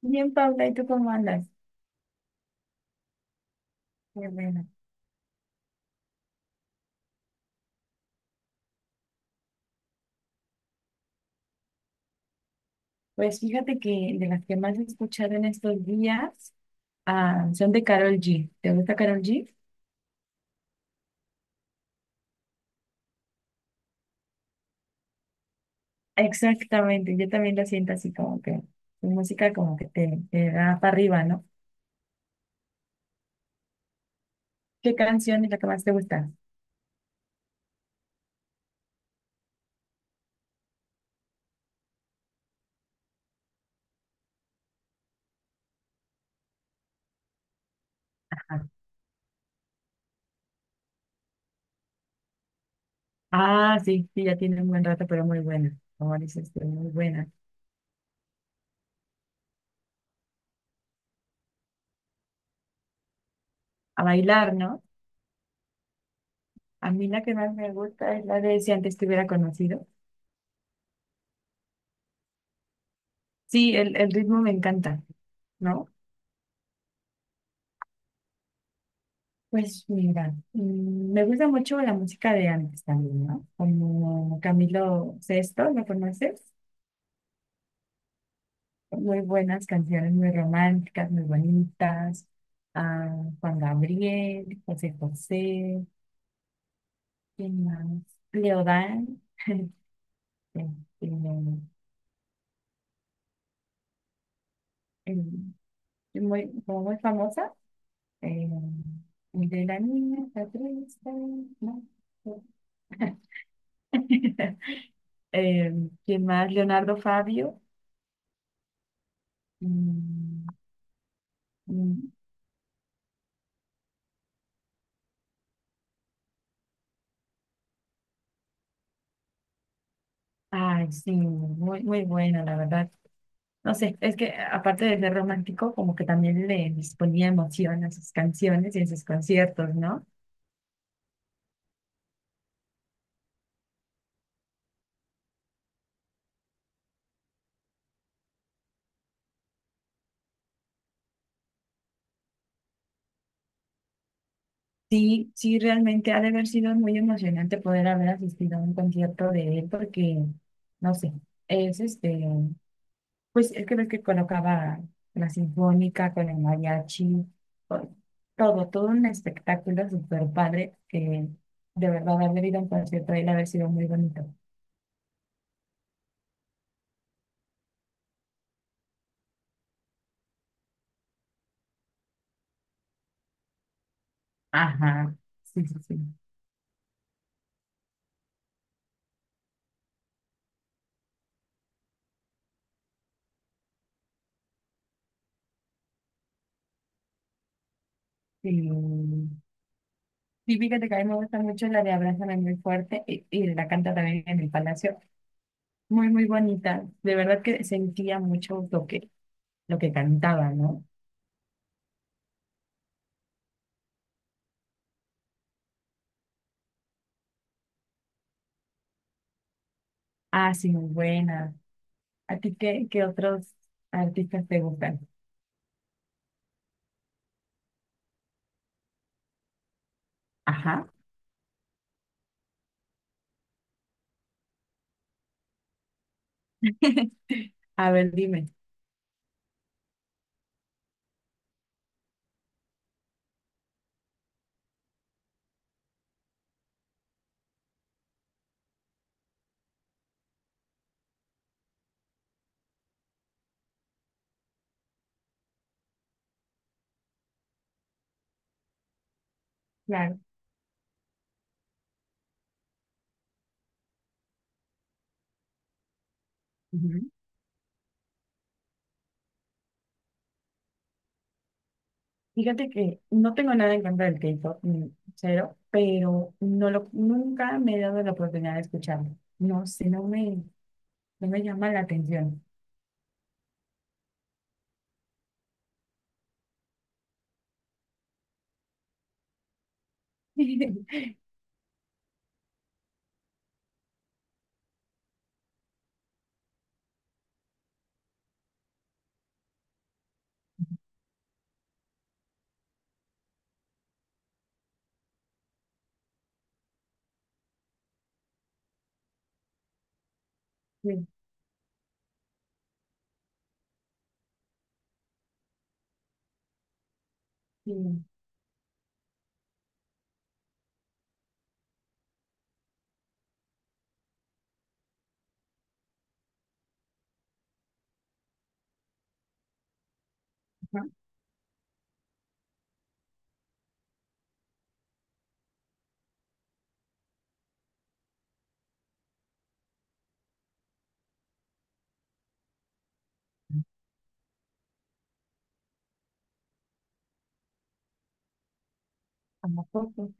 Bien, Paula, ¿y tú cómo andas? Qué bueno. Pues fíjate que de las que más he escuchado en estos días son de Karol G. ¿Te gusta Karol G? Exactamente, yo también lo siento así como que su música como que te da para arriba, ¿no? ¿Qué canción es la que más te gusta? Ajá. Ah, sí, sí, ya tiene un buen rato, pero muy buena. Como dices, tú, muy buena. A bailar, ¿no? A mí la que más me gusta es la de Si antes te hubiera conocido. Sí, el ritmo me encanta, ¿no? Pues mira, me gusta mucho la música de antes también, ¿no? Como Camilo Sesto, ¿lo conoces? Muy buenas canciones, muy románticas, muy bonitas. Ah, Juan Gabriel, José José, ¿quién más? Leodán, este, eh, muy, como muy famosa. eh, el de la niña está triste, ¿no? Eh, ¿quién más? Leonardo Fabio. mm, Mm, Ay, sí, muy, muy buena, la verdad. No sé, es que aparte de ser romántico, como que también le les ponía emoción a sus canciones y a sus conciertos, ¿no? Sí, sí, realmente ha de haber sido muy emocionante poder haber asistido a un concierto de él porque, no sé, es este, pues es que ves que colocaba la sinfónica con el mariachi, con todo, todo un espectáculo súper padre que de verdad haber ido a un concierto de él ha de haber sido muy bonito. Ajá, sí, sí, sí. Sí, sí, fíjate que a mí me gusta mucho la de Abrázame muy fuerte y la canta también en el Palacio. Muy, muy bonita. De verdad que sentía mucho lo que cantaba, ¿no? Ah, sí, muy buena. ¿A ti qué otros artistas te gustan? Ajá. A ver, dime. Claro. Ujú. Fíjate que no tengo nada en contra del K-pop, cero, pero no lo, nunca me he dado la oportunidad de escucharlo. No sé, no me llama la atención. Sí, sí, ajá, a lo poco,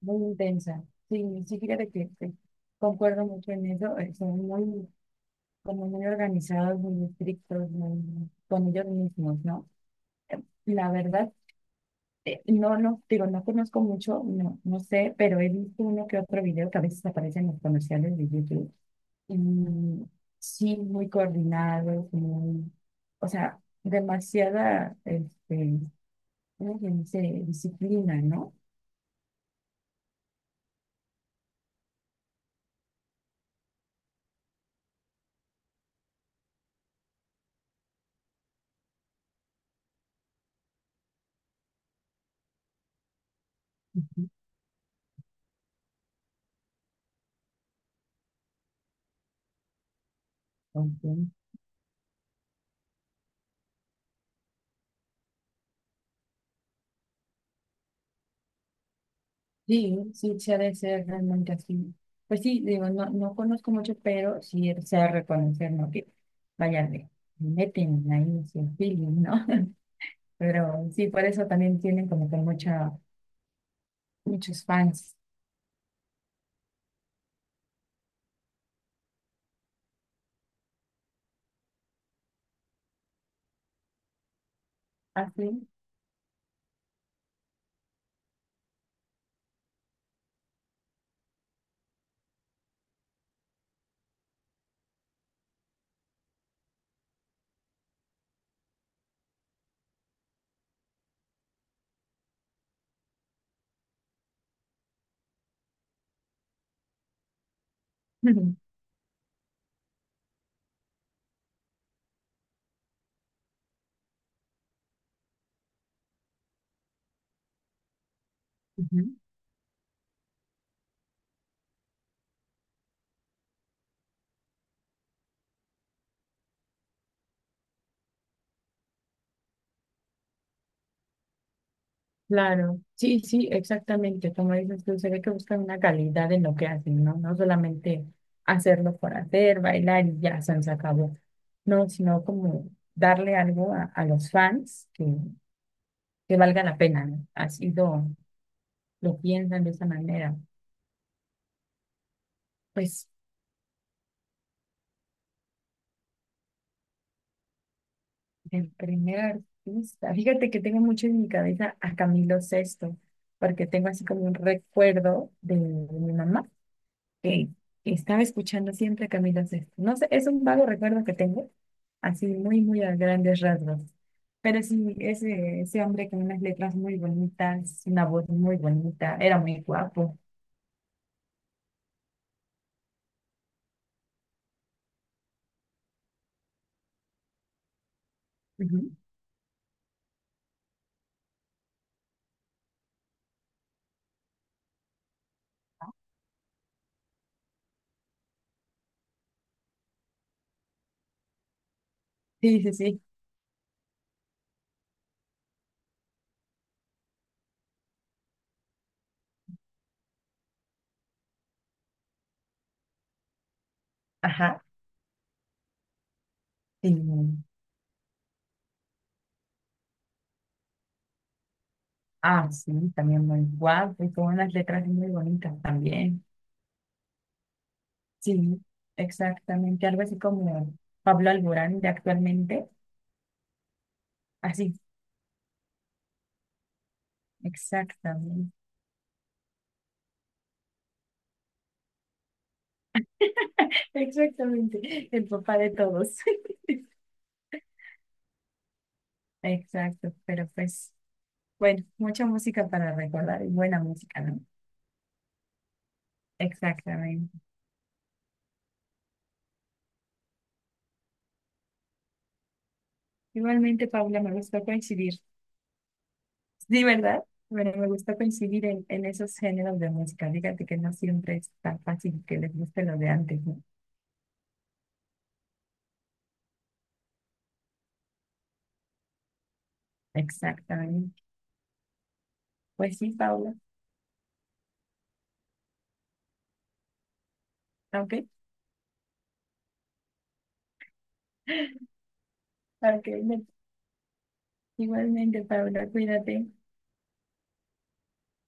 muy intensa. Sí, sí, fíjate que concuerdo mucho en eso. Son muy, como muy organizados, muy estrictos, muy, con ellos mismos, ¿no? Eh, la verdad, no, digo, no conozco mucho, no, no sé, pero he visto uno que otro video que a veces aparece en los comerciales de YouTube. Y sí, muy coordinados, muy, o sea, demasiada, alguien se disciplina, ¿no? Ujú. Ok. Sí, sí, se ha de ser realmente así. Pues sí, digo, no, no conozco mucho, pero sí se ha de reconocer, ¿no? Que vaya, le meten ahí su feeling, ¿no? Pero sí, por eso también tienen como que mucha, muchos fans. Así. Claro, sí, sí, exactamente. Como dices tú, se ve que buscan una calidad en lo que hacen, ¿no? No solamente hacerlo por hacer, bailar y ya se nos acabó. No, sino como darle algo a los fans que valga la pena, ¿no? Así lo piensan de esa manera. Pues el primer artista, fíjate que tengo mucho en mi cabeza a Camilo Sexto, porque tengo así como un recuerdo de mi mamá que estaba escuchando siempre a Camilo Sesto. No sé, es un vago recuerdo que tengo, así muy, muy a grandes rasgos. Pero sí, ese hombre con unas letras muy bonitas, una voz muy bonita, era muy guapo. Ujú. Sí, sí, sí. Ajá. Sí. Ah, sí, también muy guapo y con unas letras muy bonitas también. Sí, exactamente. Algo así como Pablo Alborán de actualmente. Así, exactamente. Exactamente, el papá de todos. Exacto, pero pues, bueno, mucha música para recordar y buena música, ¿no? Exactamente. Igualmente, Paula, me gustó coincidir. Sí, ¿verdad? Bueno, me gustó coincidir en esos géneros de música. Fíjate que no siempre es tan fácil que les guste lo de antes, ¿no? Exactamente. Pues sí, Paula. Ok, ok. Me- Igualmente, Paula, cuídate.